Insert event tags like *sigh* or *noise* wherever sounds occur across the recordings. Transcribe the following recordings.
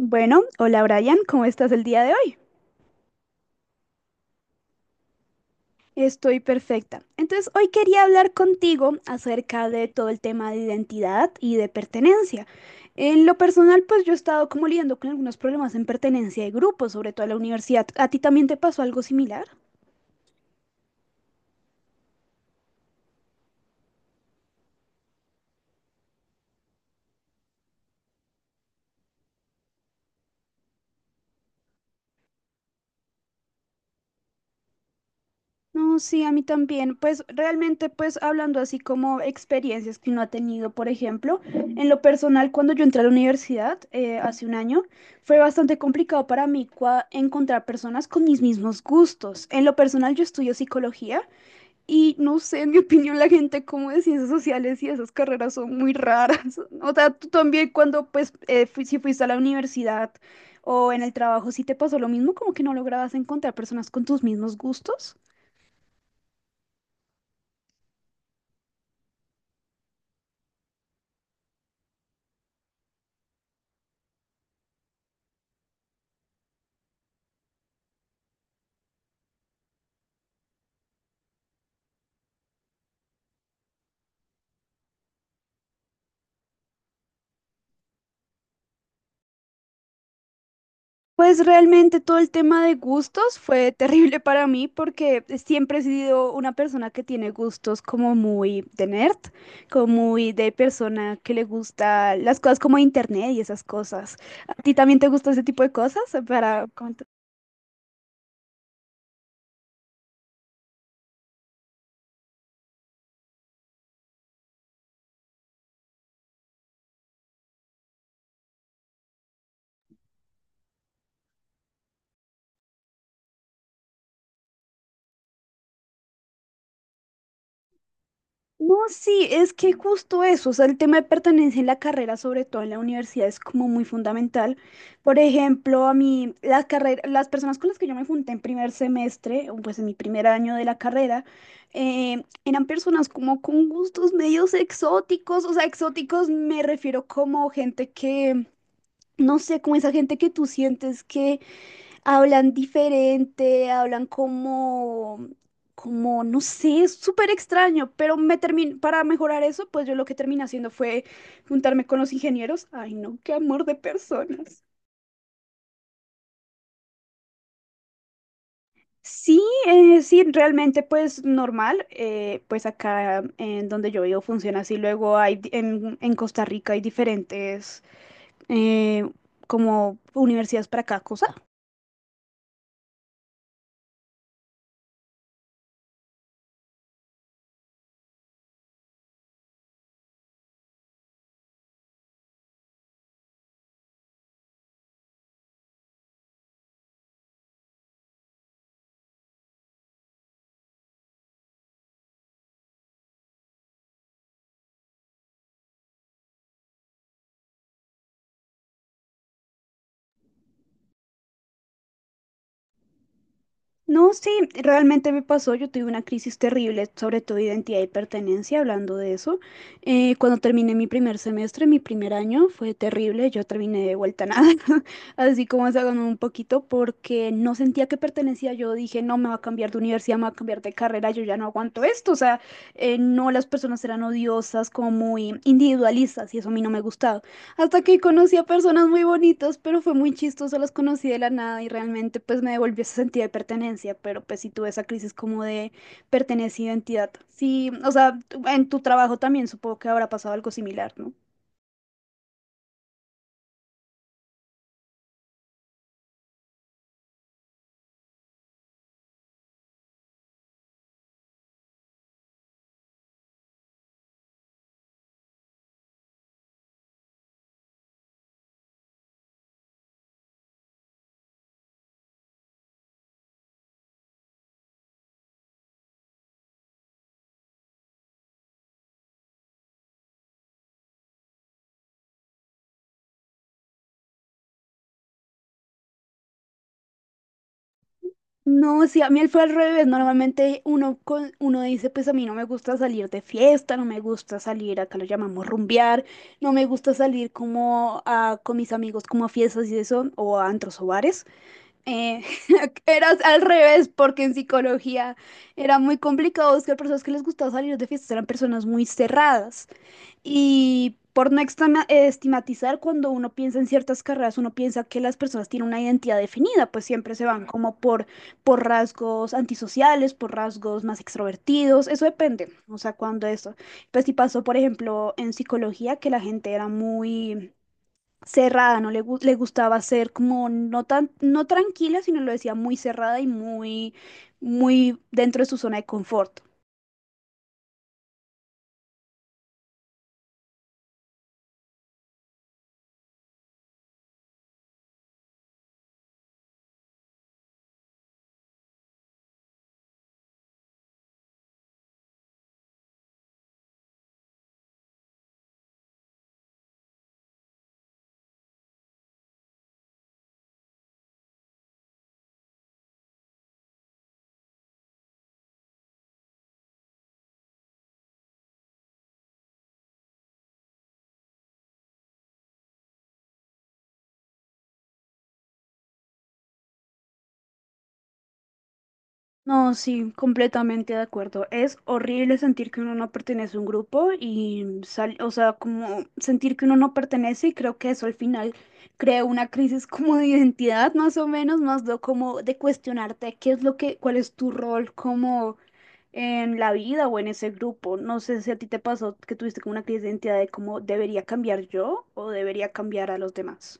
Bueno, hola Brian, ¿cómo estás el día de hoy? Estoy perfecta. Entonces, hoy quería hablar contigo acerca de todo el tema de identidad y de pertenencia. En lo personal, pues yo he estado como lidiando con algunos problemas en pertenencia de grupo, sobre todo en la universidad. ¿A ti también te pasó algo similar? No, sí, a mí también. Pues realmente, pues hablando así como experiencias que uno ha tenido, por ejemplo, en lo personal, cuando yo entré a la universidad hace un año, fue bastante complicado para mí encontrar personas con mis mismos gustos. En lo personal, yo estudio psicología y no sé, en mi *laughs* opinión, la gente como de ciencias sociales y esas carreras son muy raras. *laughs* O sea, tú también cuando, pues, si fuiste a la universidad o en el trabajo, si te pasó lo mismo, como que no lograbas encontrar personas con tus mismos gustos. Pues realmente todo el tema de gustos fue terrible para mí porque siempre he sido una persona que tiene gustos como muy de nerd, como muy de persona que le gusta las cosas como internet y esas cosas. ¿A ti también te gusta ese tipo de cosas para No, sí, es que justo eso, o sea, el tema de pertenencia en la carrera, sobre todo en la universidad, es como muy fundamental. Por ejemplo, a mí, la carrera, las personas con las que yo me junté en primer semestre, o pues en mi primer año de la carrera, eran personas como con gustos medios exóticos, o sea, exóticos me refiero como gente que, no sé, como esa gente que tú sientes que hablan diferente, hablan como, no sé, es súper extraño, pero me termin para mejorar eso, pues yo lo que terminé haciendo fue juntarme con los ingenieros. Ay, no, qué amor de personas. Sí, sí, realmente pues normal, pues acá en donde yo vivo funciona así, luego hay, en Costa Rica hay diferentes eh, como universidades para cada cosa. No, sí, realmente me pasó. Yo tuve una crisis terrible sobre todo identidad y pertenencia, hablando de eso. Cuando terminé mi primer semestre, mi primer año, fue terrible. Yo terminé de vuelta a nada, *laughs* así como se ganó un poquito, porque no sentía que pertenecía. Yo dije, no, me va a cambiar de universidad, me va a cambiar de carrera, yo ya no aguanto esto. O sea, no, las personas eran odiosas, como muy individualistas, y eso a mí no me gustaba. Hasta que conocí a personas muy bonitas, pero fue muy chistoso, las conocí de la nada y realmente pues me devolvió ese sentido de pertenencia, pero pues sí tuve esa crisis como de pertenencia, e identidad. Sí, o sea, en tu trabajo también supongo que habrá pasado algo similar, ¿no? No, sí, a mí fue al revés. Normalmente uno, uno dice, pues a mí no me gusta salir de fiesta, no me gusta salir, acá lo llamamos rumbear, no me gusta salir como con mis amigos como a fiestas y eso, o a antros o bares. Eh, *laughs* eras al revés, porque en psicología era muy complicado buscar personas que les gustaba salir de fiestas, eran personas muy cerradas. Y por no estigmatizar, cuando uno piensa en ciertas carreras, uno piensa que las personas tienen una identidad definida, pues siempre se van como por rasgos antisociales, por rasgos más extrovertidos, eso depende, o sea, cuando eso. Pues si pasó, por ejemplo, en psicología, que la gente era muy cerrada, no le, gu- le gustaba ser como no tan, no tranquila, sino lo decía muy cerrada y muy, muy dentro de su zona de confort. No, sí, completamente de acuerdo. Es horrible sentir que uno no pertenece a un grupo y o sea, como sentir que uno no pertenece y creo que eso al final crea una crisis como de identidad, más o menos, más de como de cuestionarte qué es lo que, cuál es tu rol como en la vida o en ese grupo. No sé si a ti te pasó que tuviste como una crisis de identidad de cómo debería cambiar yo o debería cambiar a los demás.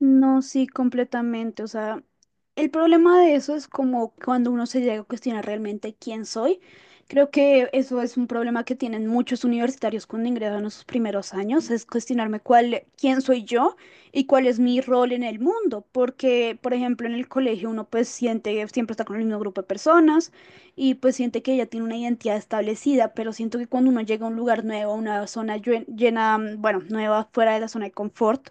No, sí, completamente. O sea, el problema de eso es como cuando uno se llega a cuestionar realmente quién soy. Creo que eso es un problema que tienen muchos universitarios cuando ingresan a sus primeros años, es cuestionarme cuál, quién soy yo y cuál es mi rol en el mundo. Porque, por ejemplo, en el colegio uno pues siente que siempre está con el mismo grupo de personas y pues siente que ya tiene una identidad establecida, pero siento que cuando uno llega a un lugar nuevo, a una zona llena, bueno, nueva fuera de la zona de confort,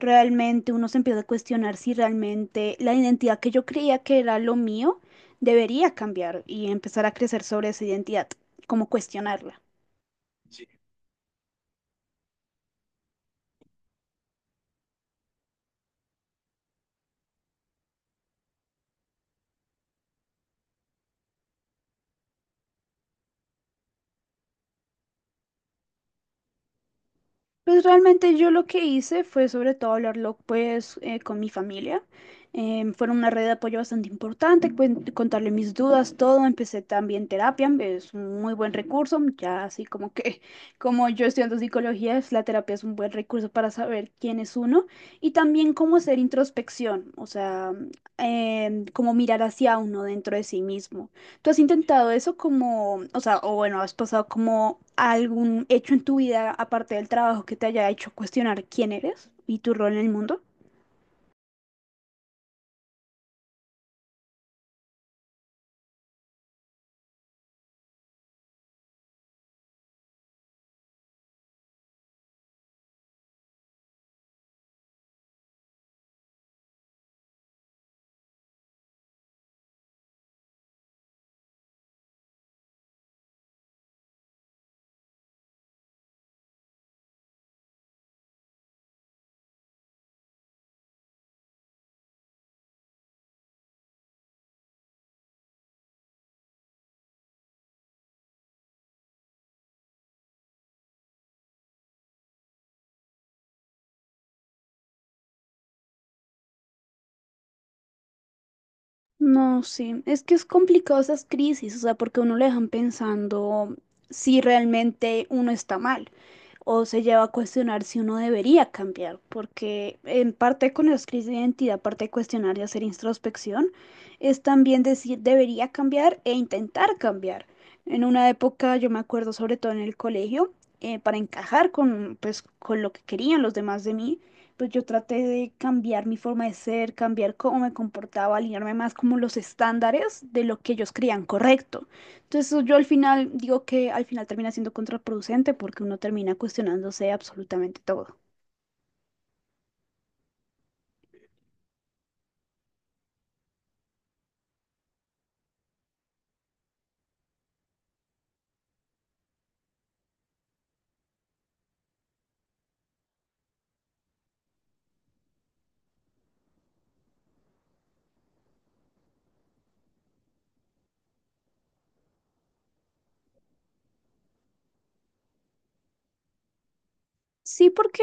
realmente uno se empieza a cuestionar si realmente la identidad que yo creía que era lo mío debería cambiar y empezar a crecer sobre esa identidad, como cuestionarla. Pues realmente yo lo que hice fue sobre todo hablarlo con mi familia. Fueron una red de apoyo bastante importante, contarle mis dudas, todo. Empecé también terapia, es un muy buen recurso, ya así como que *laughs* como yo estudiando psicología, la terapia es un buen recurso para saber quién es uno y también cómo hacer introspección, o sea, cómo mirar hacia uno dentro de sí mismo. ¿Tú has intentado eso como, o sea, o bueno, has pasado como algún hecho en tu vida aparte del trabajo que te haya hecho cuestionar quién eres y tu rol en el mundo? No, sí, es que es complicado esas crisis, o sea, porque uno le dejan pensando si realmente uno está mal o se lleva a cuestionar si uno debería cambiar, porque en parte con las crisis de identidad, aparte de cuestionar y hacer introspección, es también decir debería cambiar e intentar cambiar. En una época, yo me acuerdo sobre todo en el colegio, para encajar con, pues, con lo que querían los demás de mí pues yo traté de cambiar mi forma de ser, cambiar cómo me comportaba, alinearme más como los estándares de lo que ellos creían correcto. Entonces yo al final digo que al final termina siendo contraproducente porque uno termina cuestionándose absolutamente todo. Sí, porque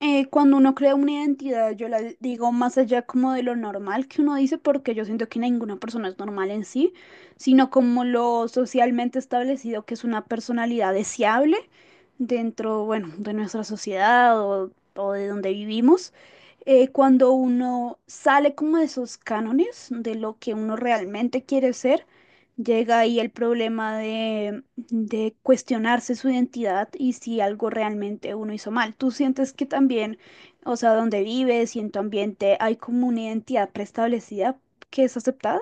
cuando uno crea una identidad, yo la digo más allá como de lo normal que uno dice, porque yo siento que ninguna persona es normal en sí, sino como lo socialmente establecido que es una personalidad deseable dentro, bueno, de nuestra sociedad o de donde vivimos. Cuando uno sale como de esos cánones de lo que uno realmente quiere ser, llega ahí el problema de cuestionarse su identidad y si algo realmente uno hizo mal. ¿Tú sientes que también, o sea, donde vives y en tu ambiente hay como una identidad preestablecida que es aceptada?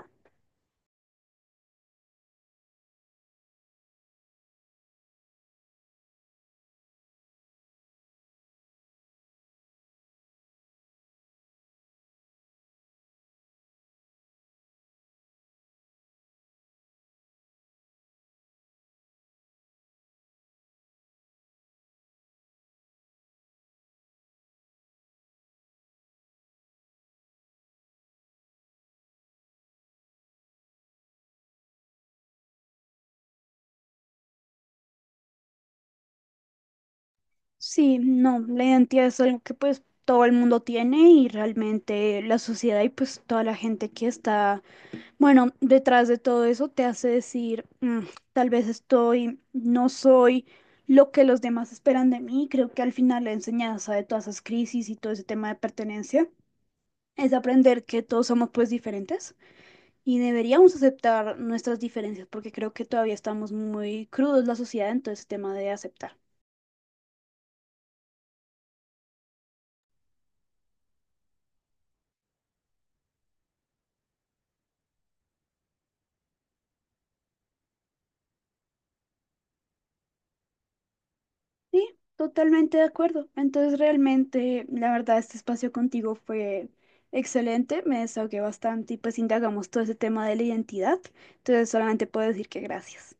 Sí, no, la identidad es algo que pues todo el mundo tiene y realmente la sociedad y pues toda la gente que está, bueno, detrás de todo eso te hace decir, "Mm, tal vez estoy, no soy lo que los demás esperan de mí". Creo que al final la enseñanza de todas esas crisis y todo ese tema de pertenencia es aprender que todos somos pues diferentes y deberíamos aceptar nuestras diferencias porque creo que todavía estamos muy crudos la sociedad en todo ese tema de aceptar. Sí, totalmente de acuerdo. Entonces realmente la verdad este espacio contigo fue excelente, me desahogué bastante y pues indagamos todo ese tema de la identidad. Entonces solamente puedo decir que gracias.